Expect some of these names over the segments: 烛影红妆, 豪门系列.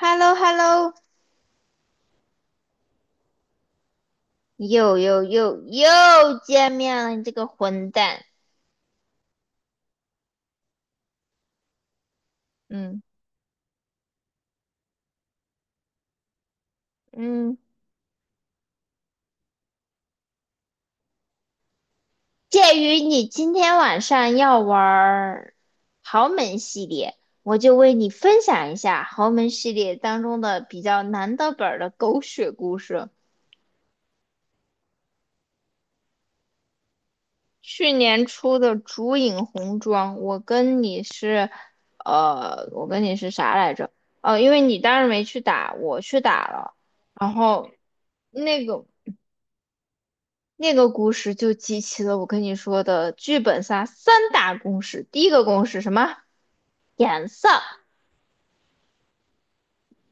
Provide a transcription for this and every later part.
h e l l o h e l l o 又又又又见面了，你这个混蛋！嗯，嗯，鉴于你今天晚上要玩豪门系列，我就为你分享一下豪门系列当中的比较难的本儿的狗血故事。去年出的烛影红妆，我跟你是，我跟你是啥来着？哦，因为你当时没去打，我去打了，然后那个那个故事就集齐了我跟你说的剧本杀三大公式。第一个公式什么？颜色，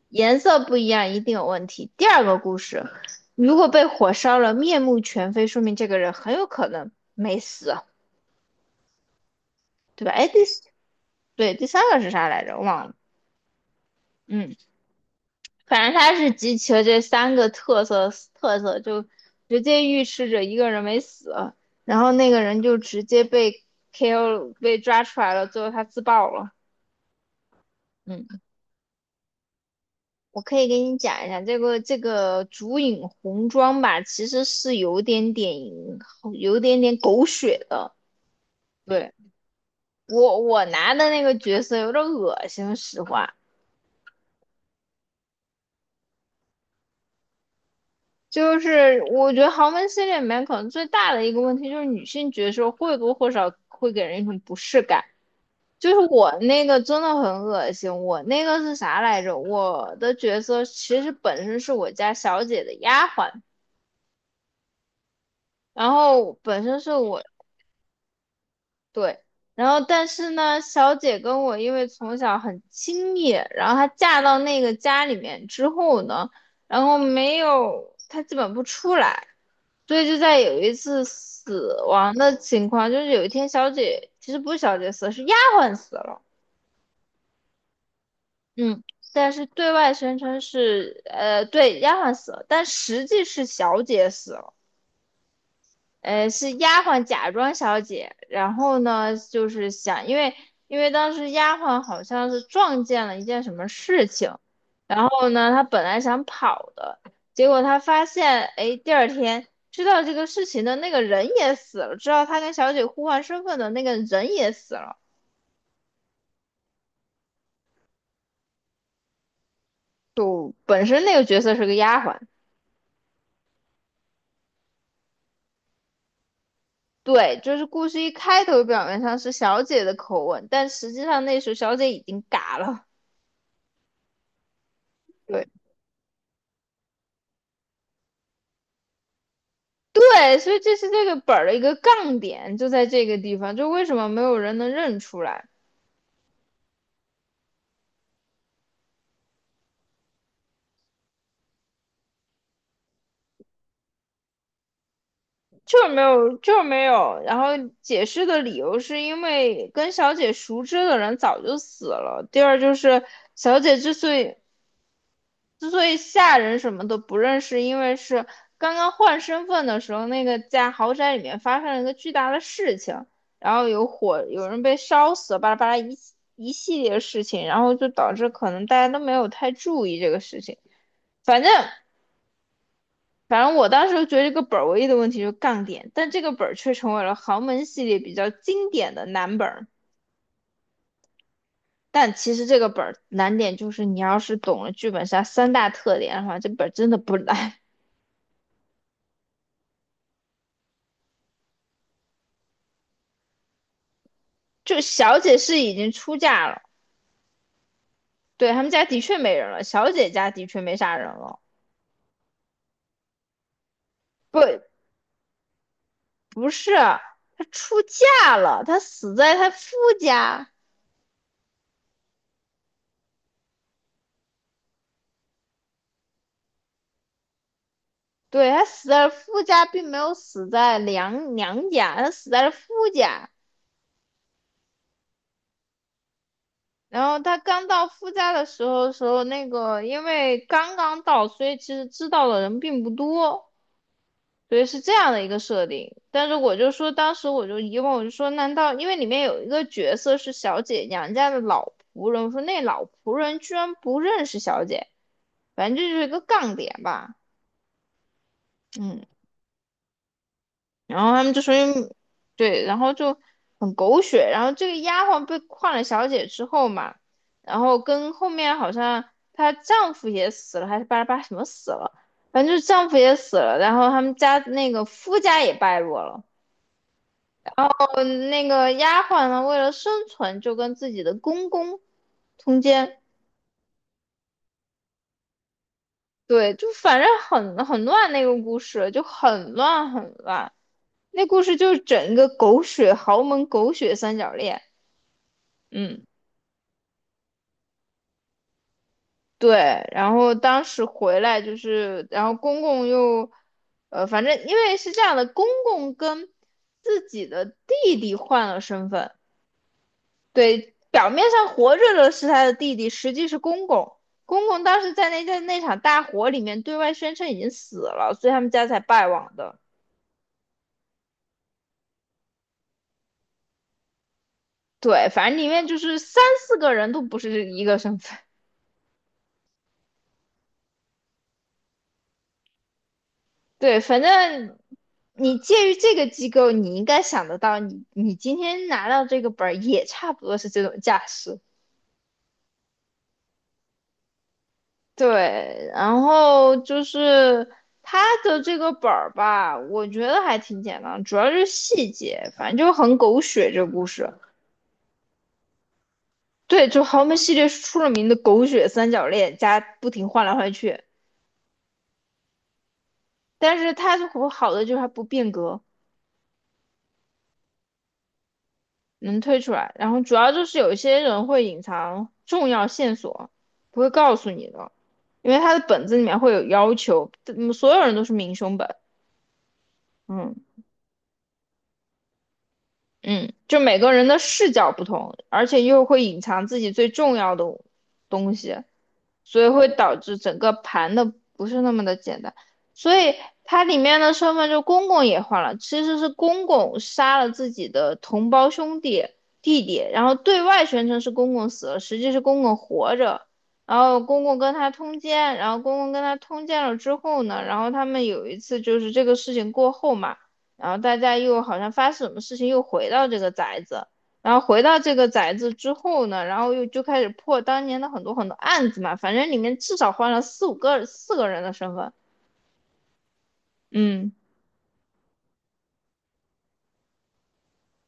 颜色不一样一定有问题。第二个故事，如果被火烧了，面目全非，说明这个人很有可能没死，对吧？哎，第四对第三个是啥来着？我忘了。嗯，反正他是集齐了这三个特色，就直接预示着一个人没死，然后那个人就直接被 KO 被抓出来了，最后他自爆了。嗯。我可以给你讲一下这个烛影红妆吧，其实是有点点狗血的。对，我拿的那个角色有点恶心，实话就是我觉得豪门系列里面可能最大的一个问题就是女性角色或多或少会给人一种不适感。就是我那个真的很恶心，我那个是啥来着？我的角色其实本身是我家小姐的丫鬟。然后本身是我对，然后但是呢，小姐跟我因为从小很亲密，然后她嫁到那个家里面之后呢，然后没有，她基本不出来，所以就在有一次死亡的情况，就是有一天小姐其实不是小姐死了，是丫鬟死了，嗯，但是对外宣称是丫鬟死了，但实际是小姐死了。是丫鬟假装小姐，然后呢，就是想，因为当时丫鬟好像是撞见了一件什么事情，然后呢，她本来想跑的，结果她发现，哎，第二天知道这个事情的那个人也死了，知道她跟小姐互换身份的那个人也死了，就本身那个角色是个丫鬟。对，就是故事一开头表面上是小姐的口吻，但实际上那时候小姐已经嘎了。对。对，所以这是这个本儿的一个杠点，就在这个地方，就为什么没有人能认出来，就是没有。然后解释的理由是因为跟小姐熟知的人早就死了。第二就是小姐之所以下人什么的不认识，因为是刚刚换身份的时候，那个在豪宅里面发生了一个巨大的事情，然后有火，有人被烧死，巴拉巴拉一。一系列事情，然后就导致可能大家都没有太注意这个事情。反正我当时觉得这个本儿唯一的问题就是杠点，但这个本儿却成为了豪门系列比较经典的难本儿。但其实这个本儿难点就是你要是懂了剧本杀三大特点的话，这本儿真的不难。就小姐是已经出嫁了，对，他们家的确没人了，小姐家的确没啥人了。不，不是，她出嫁了，她死在她夫家。对，她死在了夫家，并没有死在娘娘家，她死在了夫家。然后他刚到夫家的时候，那个因为刚刚到，所以其实知道的人并不多，所以是这样的一个设定。但是我就说，当时我就疑问，我就说，难道因为里面有一个角色是小姐娘家的老仆人，我说那老仆人居然不认识小姐，反正这就是一个杠点吧，嗯。然后他们就说因，对，然后就很狗血。然后这个丫鬟被换了小姐之后嘛，然后跟后面好像她丈夫也死了，还是巴拉巴拉什么死了，反正就是丈夫也死了，然后他们家那个夫家也败落了。嗯，那个丫鬟呢，为了生存就跟自己的公公通奸。对，就反正很乱那个故事，就很乱。那故事就是整个狗血豪门狗血三角恋。嗯。对，然后当时回来就是，然后公公又，反正因为是这样的，公公跟自己的弟弟换了身份，对，表面上活着的是他的弟弟，实际是公公。公公当时在那场大火里面对外宣称已经死了，所以他们家才败亡的。对，反正里面就是三四个人都不是一个身份。对，反正你介于这个机构，你应该想得到你，你今天拿到这个本儿也差不多是这种架势。对，然后就是它的这个本儿吧，我觉得还挺简单，主要就是细节，反正就很狗血这个故事。对，就豪门系列是出了名的狗血三角恋，加不停换来换去，但是它好的就是它不变革。能推出来。然后主要就是有一些人会隐藏重要线索，不会告诉你的，因为他的本子里面会有要求，嗯，所有人都是明凶本，嗯嗯，就每个人的视角不同，而且又会隐藏自己最重要的东西，所以会导致整个盘的不是那么的简单。所以它里面的身份就公公也换了，其实是公公杀了自己的同胞兄弟弟弟，然后对外宣称是公公死了，实际是公公活着。然后公公跟他通奸，然后公公跟他通奸了之后呢，然后他们有一次就是这个事情过后嘛，然后大家又好像发生什么事情又回到这个宅子，然后回到这个宅子之后呢，然后又就开始破当年的很多很多案子嘛，反正里面至少换了四五个四个人的身份，嗯，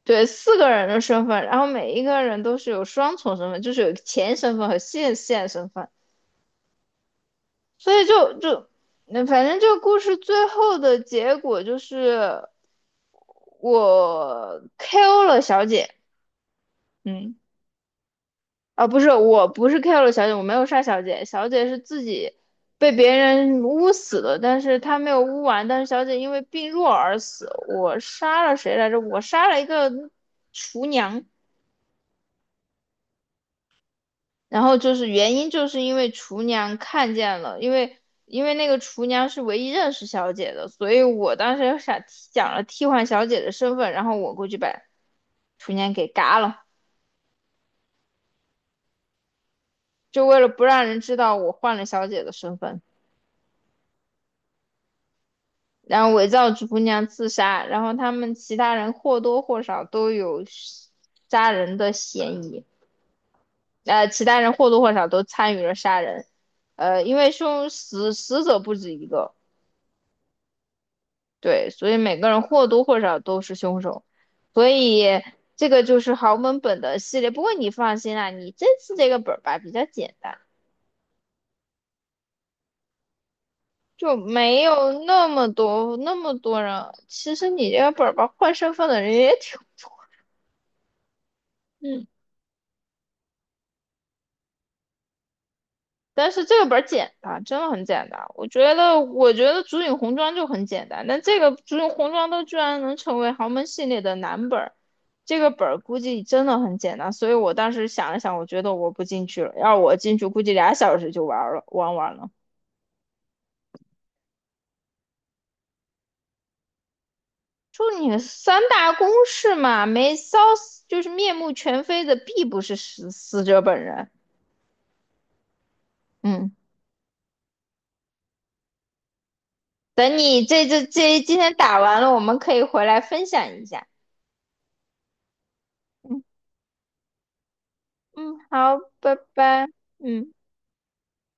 对，四个人的身份，然后每一个人都是有双重身份，就是有前身份和现身份，所以就那反正这个故事最后的结果就是我 KO 了小姐，嗯，啊，不是，我不是 kill 了小姐，我没有杀小姐，小姐是自己被别人捂死的，但是她没有捂完，但是小姐因为病弱而死。我杀了谁来着？我杀了一个厨娘，然后就是原因就是因为厨娘看见了，因为那个厨娘是唯一认识小姐的，所以我当时想了替换小姐的身份，然后我过去把厨娘给嘎了，就为了不让人知道我换了小姐的身份。然后伪造主姑娘自杀，然后他们其他人或多或少都有杀人的嫌疑，其他人或多或少都参与了杀人，因为凶死死者不止一个，对，所以每个人或多或少都是凶手，所以这个就是豪门本的系列。不过你放心啦，你这次这个本儿吧比较简单。就没有那么多人，其实你这个本儿吧，换身份的人也挺，嗯。但是这个本儿简单，真的很简单。我觉得《竹影红妆》就很简单，但这个《竹影红妆》都居然能成为豪门系列的男本儿，这个本儿估计真的很简单。所以我当时想了想，我觉得我不进去了，要我进去，估计俩小时就玩儿了，玩完了。就你三大公式嘛，没烧死就是面目全非的，必不是死死者本人。嗯，等你这这这今天打完了，我们可以回来分享一下。嗯。嗯，好，拜拜。嗯。